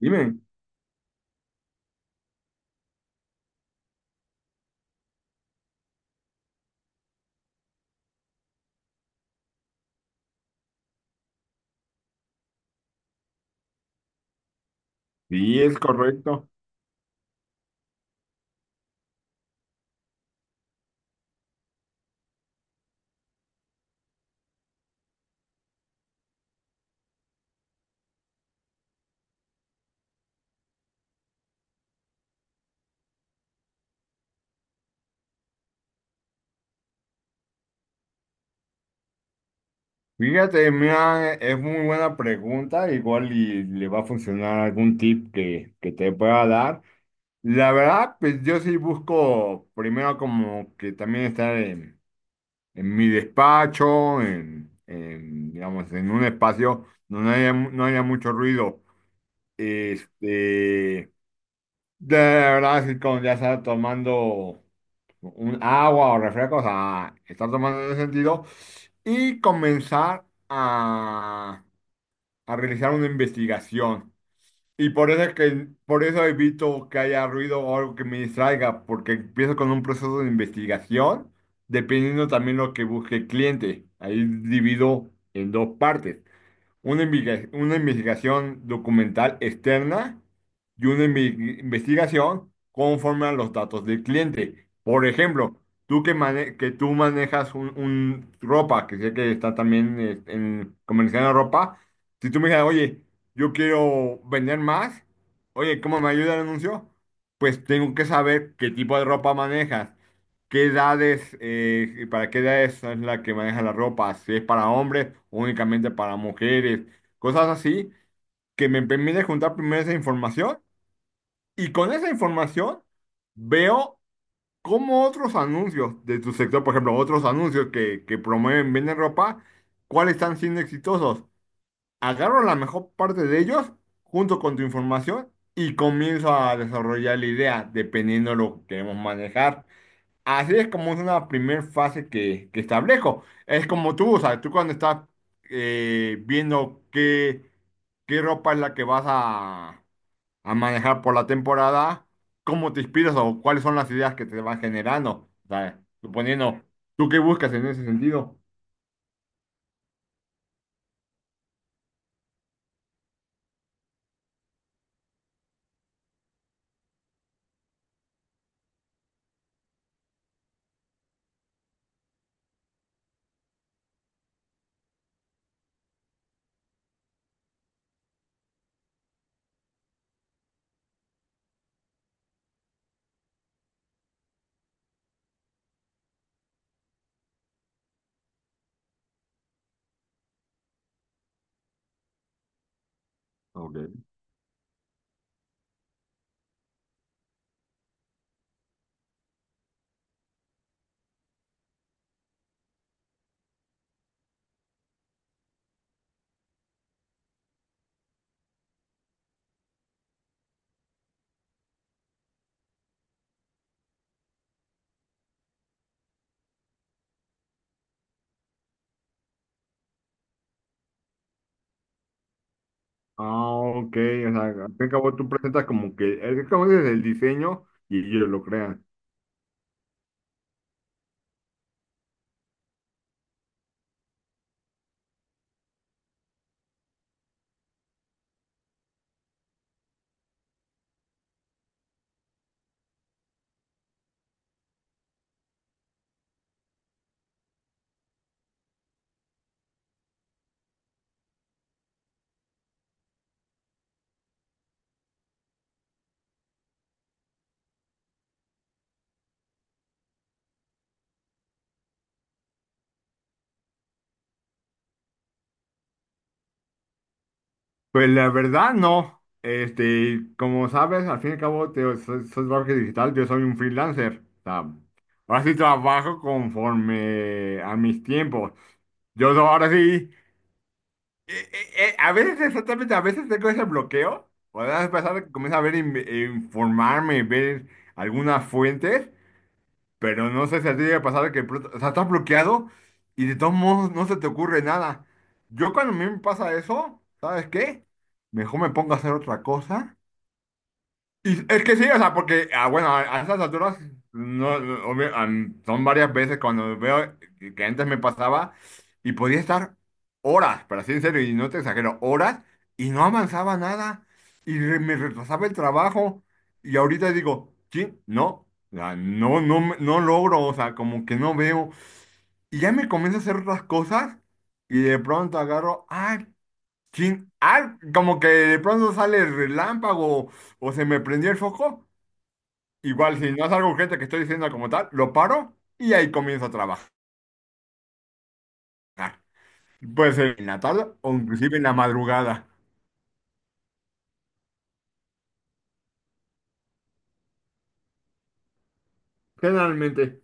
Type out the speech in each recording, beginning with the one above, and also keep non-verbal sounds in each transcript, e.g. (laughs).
Dime. Sí, es correcto. Fíjate, mira, es muy buena pregunta, igual y le va a funcionar algún tip que te pueda dar. La verdad, pues yo sí busco primero como que también estar en mi despacho, digamos, en un espacio donde haya no haya mucho ruido. Este, de verdad, sí, como ya estar tomando un agua o refrescos, a estar tomando en ese sentido. Y comenzar a realizar una investigación. Y por eso es que por eso evito que haya ruido o algo que me distraiga, porque empiezo con un proceso de investigación, dependiendo también lo que busque el cliente. Ahí divido en dos partes una investigación documental externa y investigación conforme a los datos del cliente. Por ejemplo, tú que tú manejas un ropa, que sé que está también en comerciando ropa, si tú me dices, oye, yo quiero vender más, oye, ¿cómo me ayuda el anuncio? Pues tengo que saber qué tipo de ropa manejas. ¿Qué edades, para qué edades es la que maneja la ropa? Si es para hombres o únicamente para mujeres, cosas así que me permite juntar primero esa información y con esa información veo cómo otros anuncios de tu sector, por ejemplo, otros anuncios que promueven, venden ropa, cuáles están siendo exitosos. Agarro la mejor parte de ellos junto con tu información y comienzo a desarrollar la idea dependiendo de lo que queremos manejar. Así es como es una primera fase que establezco. Es como tú, o sea, tú cuando estás viendo qué ropa es la que vas a manejar por la temporada, cómo te inspiras o cuáles son las ideas que te van generando. O sea, suponiendo, ¿tú qué buscas en ese sentido? Ok. Ah, ok, o sea, al fin y al cabo tú presentas como que, es como dices, el diseño y ellos lo crean. Pues la verdad no. Como sabes, al fin y al cabo, soy marketing digital, yo soy un freelancer. O sea, ahora sí trabajo conforme a mis tiempos. Ahora sí, a veces exactamente, a veces tengo ese bloqueo. O sea, a pesar de que comienzo a ver, informarme, ver algunas fuentes. Pero no sé si a ti te ha pasado que, o sea, estás bloqueado y de todos modos no se te ocurre nada. Yo cuando a mí me pasa eso, ¿sabes qué? Mejor me pongo a hacer otra cosa y es que sí, o sea, porque, ah, bueno, a esas alturas, no, no, obvio, son varias veces cuando veo que antes me pasaba y podía estar horas, pero así en serio, y no te exagero, horas y no avanzaba nada y me retrasaba el trabajo y ahorita digo, sí, no, o sea, no, no, no logro, o sea, como que no veo y ya me comienzo a hacer otras cosas y de pronto agarro, ay, sí, ah, como que de pronto sale el relámpago o se me prendió el foco. Igual, si no es algo urgente que estoy diciendo como tal, lo paro y ahí comienzo a trabajar. Puede ser en la tarde o inclusive en la madrugada. Generalmente.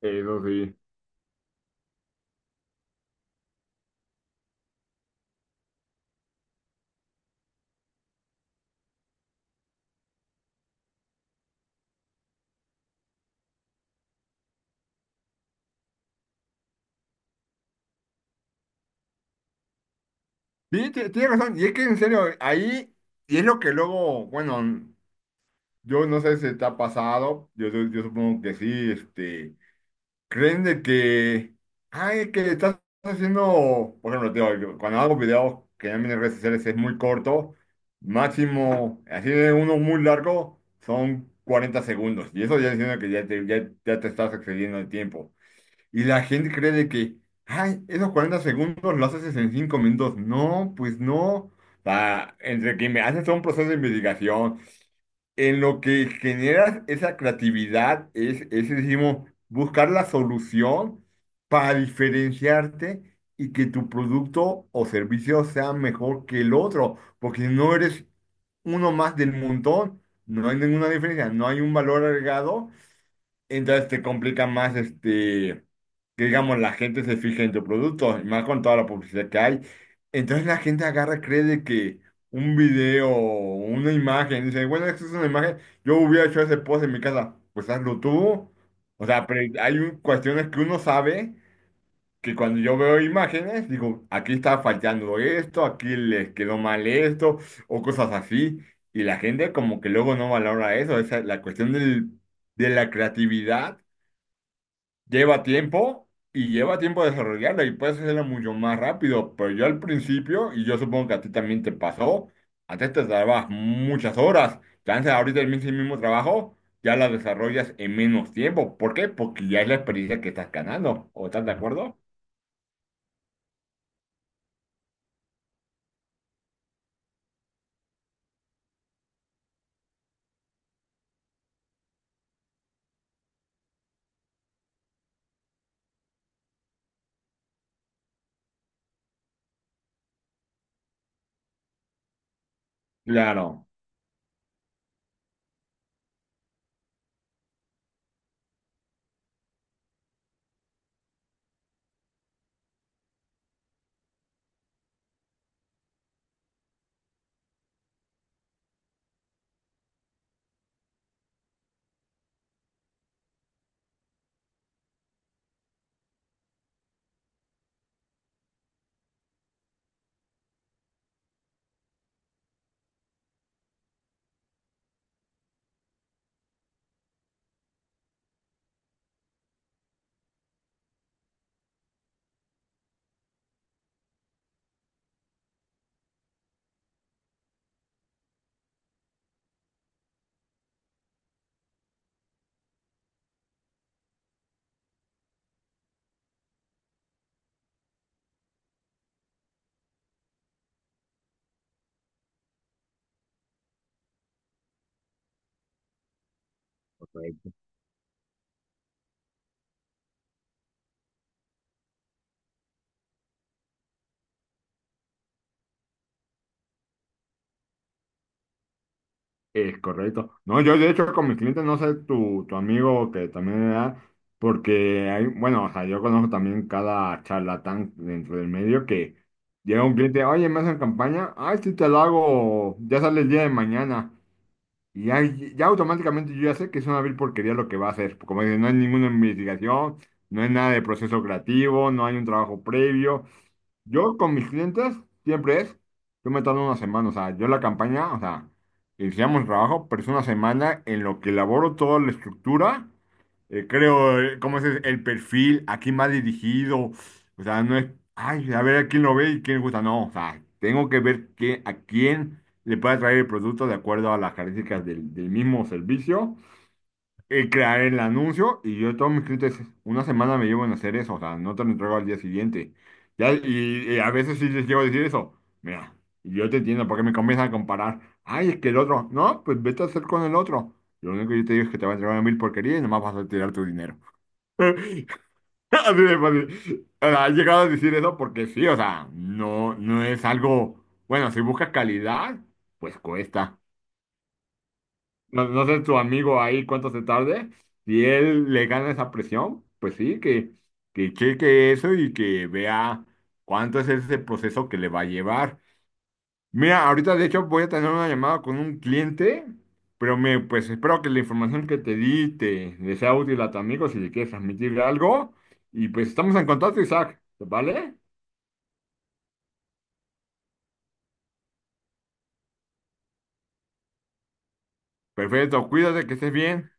Eso sí. Sí, tienes razón. Y es que en serio, ahí, y es lo que luego, bueno, yo no sé si te ha pasado, yo supongo que sí, creen de que, ay, que estás haciendo, por ejemplo, te digo, yo cuando hago videos que en mis redes sociales es muy corto, máximo, así de uno muy largo, son 40 segundos. Y eso ya diciendo que ya te estás excediendo el tiempo. Y la gente cree de que, ay, esos 40 segundos los haces en 5 minutos. No, pues no. O sea, entre que me haces todo un proceso de investigación, en lo que generas esa creatividad es decimos, buscar la solución para diferenciarte y que tu producto o servicio sea mejor que el otro, porque si no eres uno más del montón, no hay ninguna diferencia, no hay un valor agregado, entonces te complica más que digamos, la gente se fija en tu producto, y más con toda la publicidad que hay. Entonces la gente agarra, cree de que un video, una imagen, dice, bueno, esto es una imagen, yo hubiera hecho ese post en mi casa, pues hazlo tú. O sea, pero hay cuestiones que uno sabe que cuando yo veo imágenes, digo, aquí está faltando esto, aquí les quedó mal esto, o cosas así. Y la gente como que luego no valora eso, esa es la cuestión del, de la creatividad lleva tiempo y lleva tiempo desarrollarla y puedes hacerla mucho más rápido, pero yo al principio, y yo supongo que a ti también te pasó, antes te tardabas muchas horas, chance ahorita el mismo trabajo, ya la desarrollas en menos tiempo. ¿Por qué? Porque ya es la experiencia que estás ganando, ¿o estás de acuerdo? Claro. Es correcto. No, yo de hecho con mis clientes no sé tu amigo que también da, porque hay, bueno, o sea, yo conozco también cada charlatán dentro del medio que llega un cliente, oye, me hacen campaña, ay, sí te lo hago, ya sale el día de mañana. Y ya automáticamente yo ya sé que es una vil porquería lo que va a hacer. Como dicen, no hay ninguna investigación, no hay nada de proceso creativo, no hay un trabajo previo. Yo con mis clientes siempre es, yo me tardo una semana, o sea, yo la campaña, o sea, iniciamos el trabajo, pero es una semana en lo que elaboro toda la estructura, creo, cómo es el perfil, a quién va dirigido, o sea, no es, ay, a ver a quién lo ve y quién le gusta, no, o sea, tengo que ver que, a quién le puede traer el producto de acuerdo a las características del mismo servicio crear el anuncio y yo todos mis clientes una semana me llevo en hacer eso, o sea, no te lo entrego al día siguiente. Ya, y, a veces sí les llego a decir eso, mira, yo te entiendo porque me comienzan a comparar, ay, es que el otro, no, pues vete a hacer con el otro. Lo único que yo te digo es que te va a entregar mil porquerías y nomás vas a tirar tu dinero. (laughs) Así de fácil. O sea, he llegado a decir eso porque sí, o sea, no, no es algo, bueno, si buscas calidad, pues cuesta. No, no sé tu amigo ahí cuánto se tarde. Si él le gana esa presión, pues sí, que, cheque eso y que vea cuánto es ese proceso que le va a llevar. Mira, ahorita de hecho voy a tener una llamada con un cliente, pero pues espero que la información que te di te le sea útil a tu amigo si le quieres transmitir algo. Y pues estamos en contacto, Isaac, ¿vale? Perfecto, cuídate, que estés bien.